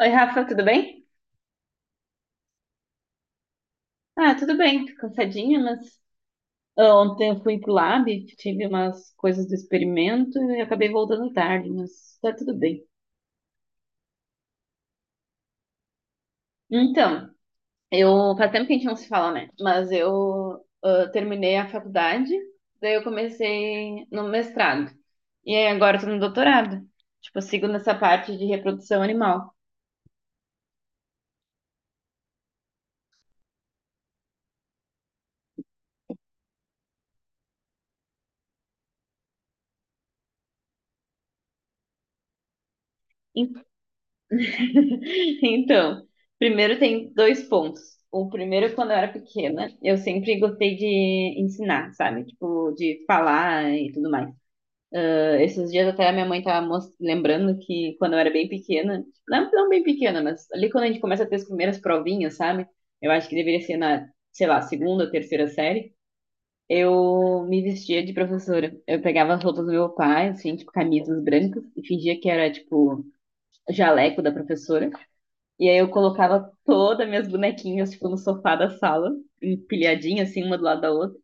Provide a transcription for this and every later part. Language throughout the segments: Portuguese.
Oi, Rafa, tudo bem? Ah, tudo bem, tô cansadinha, mas ontem eu fui pro lab, tive umas coisas do experimento e acabei voltando tarde, mas tá tudo bem. Então, eu faz tempo que a gente não se fala, né? Mas eu terminei a faculdade, daí eu comecei no mestrado. E aí agora eu tô no doutorado. Tipo, eu sigo nessa parte de reprodução animal. Então, primeiro tem dois pontos. O primeiro, quando eu era pequena, eu sempre gostei de ensinar, sabe? Tipo, de falar e tudo mais. Ah, esses dias até a minha mãe tava lembrando que quando eu era bem pequena, não, não bem pequena, mas ali quando a gente começa a ter as primeiras provinhas, sabe? Eu acho que deveria ser na, sei lá, segunda terceira série. Eu me vestia de professora. Eu pegava as roupas do meu pai, assim, tipo, camisas brancas, e fingia que era, tipo, jaleco da professora. E aí eu colocava todas minhas bonequinhas, tipo, no sofá da sala, empilhadinha, assim, uma do lado da outra.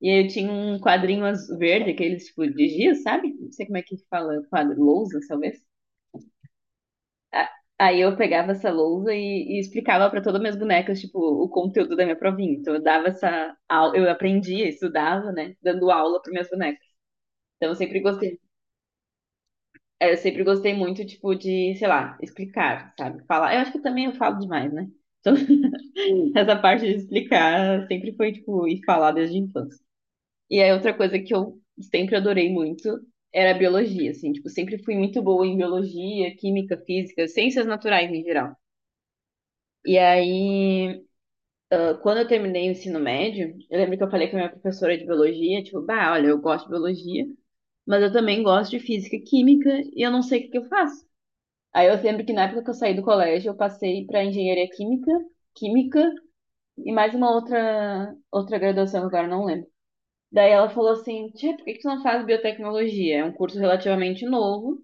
E aí eu tinha um quadrinho verde, aqueles, tipo, de giz, sabe? Não sei como é que fala, quadro, lousa, talvez. A- Aí eu pegava essa lousa e explicava para todas as minhas bonecas, tipo, o conteúdo da minha provinha. Então eu dava essa aula, eu aprendia, estudava, né, dando aula para minhas bonecas. Então eu sempre gostei, é, eu sempre gostei muito, tipo, de, sei lá, explicar, sabe? Falar. Eu acho que também eu falo demais, né? Essa parte de explicar sempre foi, tipo, e falar desde a infância. E aí, outra coisa que eu sempre adorei muito era a biologia, assim, tipo, sempre fui muito boa em biologia, química, física, ciências naturais em geral. E aí, quando eu terminei o ensino médio, eu lembro que eu falei com a minha professora de biologia, tipo, bah, olha, eu gosto de biologia, mas eu também gosto de física e química e eu não sei o que que eu faço. Aí eu lembro que na época que eu saí do colégio, eu passei para engenharia química, química e mais uma outra, outra graduação que agora eu não lembro. Daí ela falou assim, tia, por que que tu não faz biotecnologia? É um curso relativamente novo,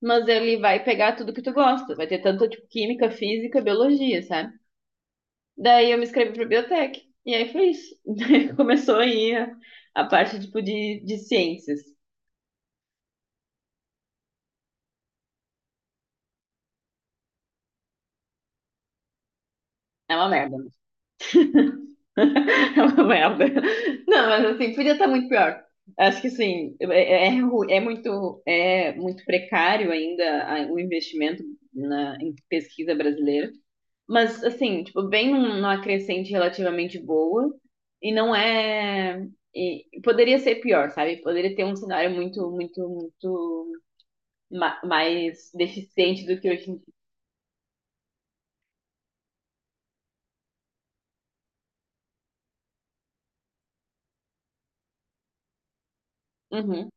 mas ele vai pegar tudo que tu gosta. Vai ter tanto, tipo, química, física, biologia, sabe? Daí eu me inscrevi para biotec. E aí foi isso. Daí começou aí a parte, tipo, de ciências. É uma merda. É uma merda. Não, mas assim, podia estar muito pior. Acho que assim, é muito precário ainda o investimento na, em pesquisa brasileira. Mas assim, tipo, bem numa crescente relativamente boa e não é. E poderia ser pior, sabe? Poderia ter um cenário muito, muito, muito mais deficiente do que hoje em dia. Uhum,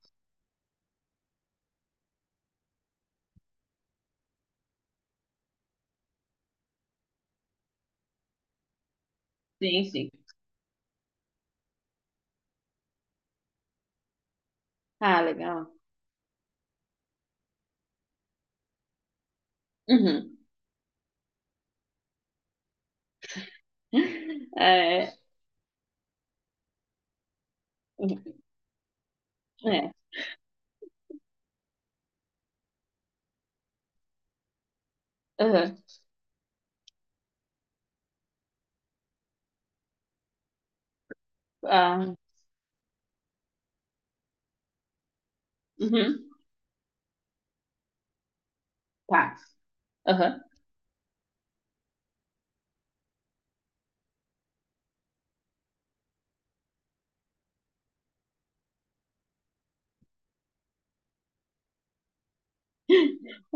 sim, sim. Ah, legal. Uhum. É, é. Uhum. Ah, uhum, tá. Aham.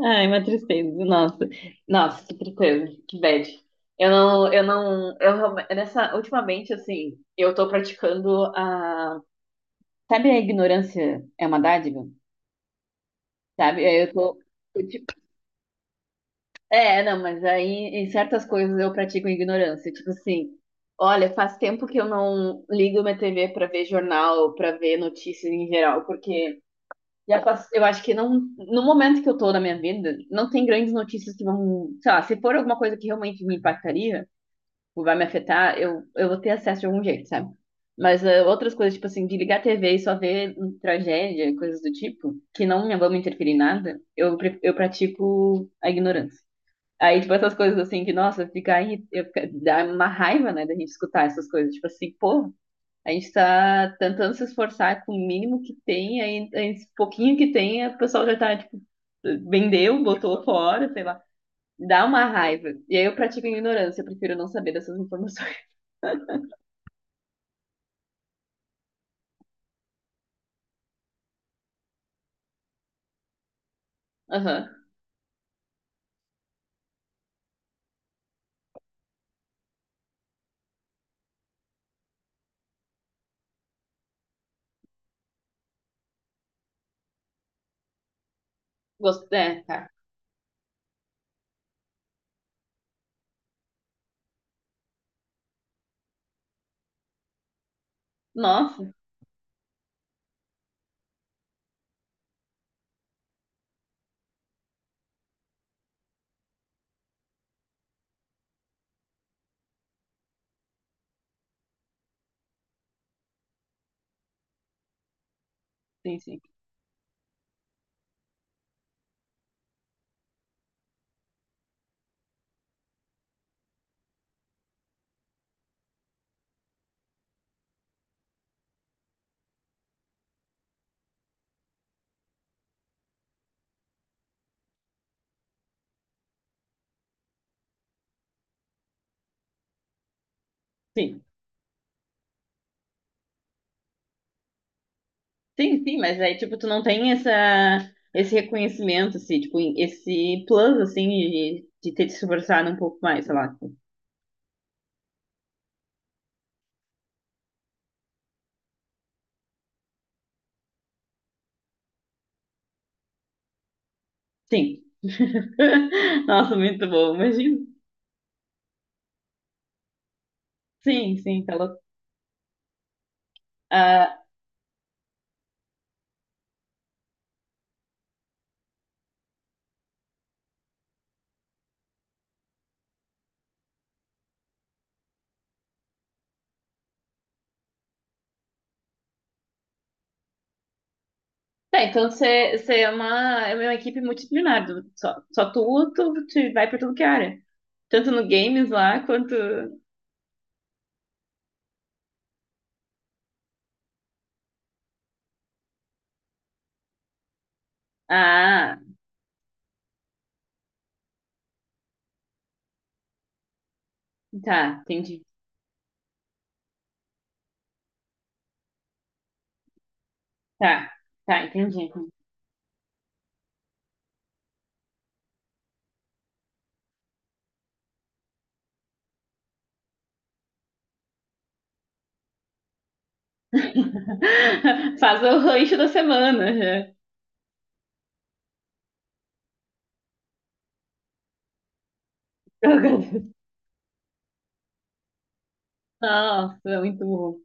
Ai, uma tristeza, nossa. Nossa, que tristeza, que bad. Eu não, eu não, eu realme- Nessa, ultimamente, assim, eu tô praticando a, sabe a ignorância é uma dádiva? Sabe? Aí eu tô, eu, tipo, é, não, mas aí em certas coisas eu pratico ignorância, tipo assim, olha, faz tempo que eu não ligo minha TV pra ver jornal, pra ver notícias em geral, porque já pass... Eu acho que não, no momento que eu tô na minha vida, não tem grandes notícias que vão, sei lá, se for alguma coisa que realmente me impactaria, ou vai me afetar, eu vou ter acesso de algum jeito, sabe? Mas outras coisas, tipo assim, de ligar a TV e só ver tragédia, coisas do tipo, que não me vão me interferir em nada, eu pratico a ignorância. Aí, tipo, essas coisas assim, que, nossa, ficar aí, dá uma raiva, né, da gente escutar essas coisas, tipo assim, pô, a gente está tentando se esforçar com o mínimo que tem, aí esse pouquinho que tem, o pessoal já está, tipo, vendeu, botou fora, sei lá. Dá uma raiva. E aí eu pratico a ignorância, eu prefiro não saber dessas informações. Aham. Gosto. É, tá. Nossa, sim, sim. Sim. Sim, sim, mas aí, tipo, tu não tem essa, esse reconhecimento, assim, tipo, esse plus, assim, de ter te esforçado um pouco mais, sei lá. Sim. Nossa, muito bom, imagina. Sim, sim, tá louco. Ah, tá, então você, você é uma equipe multidisciplinar. Só tu, tu te vai pra tudo que é área. Tanto no games lá, quanto... Ah, tá, entendi. Tá, tá, entendi. Faz o rancho da semana, já. Nossa, é muito bom.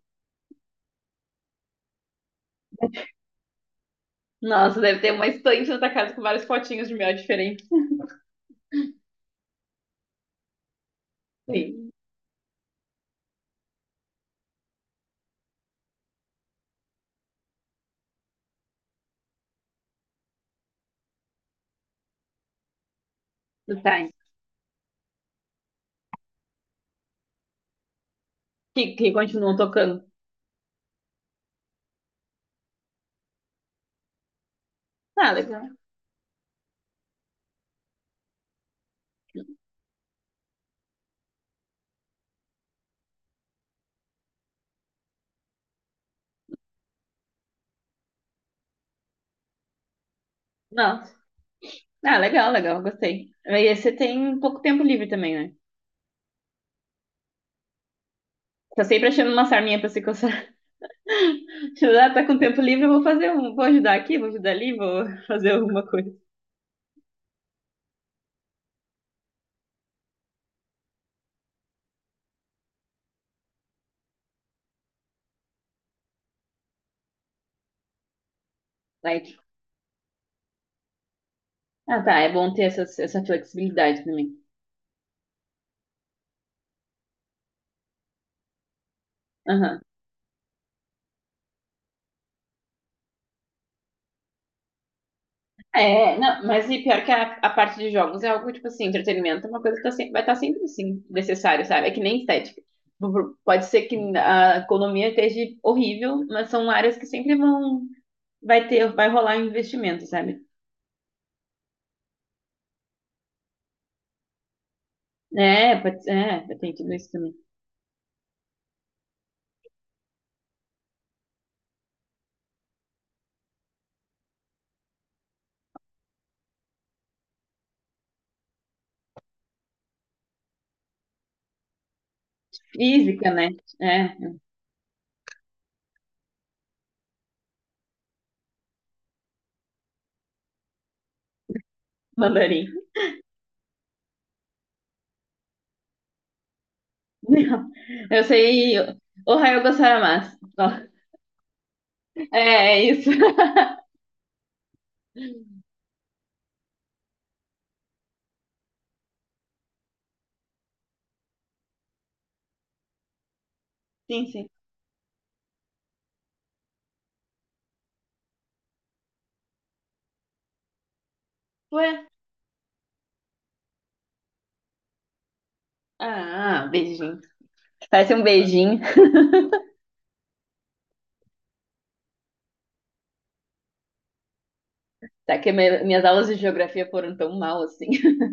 Nossa, deve ter uma estante na tua casa com vários potinhos de mel diferentes. Sim. Tá, que continuam tocando. Ah, legal. Nossa. Ah, legal, legal, gostei. E aí você tem pouco tempo livre também, né? Tá sempre achando uma sarminha pra se coçar. Ah, tá com tempo livre, eu vou fazer um. Vou ajudar aqui, vou ajudar ali, vou fazer alguma coisa. Like. Ah, tá. É bom ter essa, essa flexibilidade também. Aham. É, não, mas e pior que a parte de jogos é algo, tipo assim, entretenimento é uma coisa que tá sempre, vai estar sempre, assim, necessário, sabe? É que nem estética. Pode ser que a economia esteja horrível, mas são áreas que sempre vão, vai ter, vai rolar um investimento, sabe? É, pode, é, tem tudo isso também. Física, né? É, mandarim. Não, eu sei Ohayou gozaimasu. Ó, é, é isso. Sim, sim. Ué? Ah, beijinho. Parece um beijinho. Tá que minhas aulas de geografia foram tão mal assim.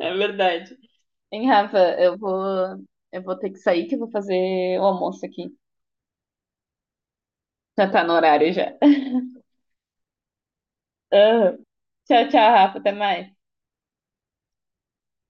É verdade. Hein, Rafa, eu vou ter que sair que eu vou fazer o almoço aqui. Já tá no horário já. Ah, tchau, tchau, Rafa. Até mais.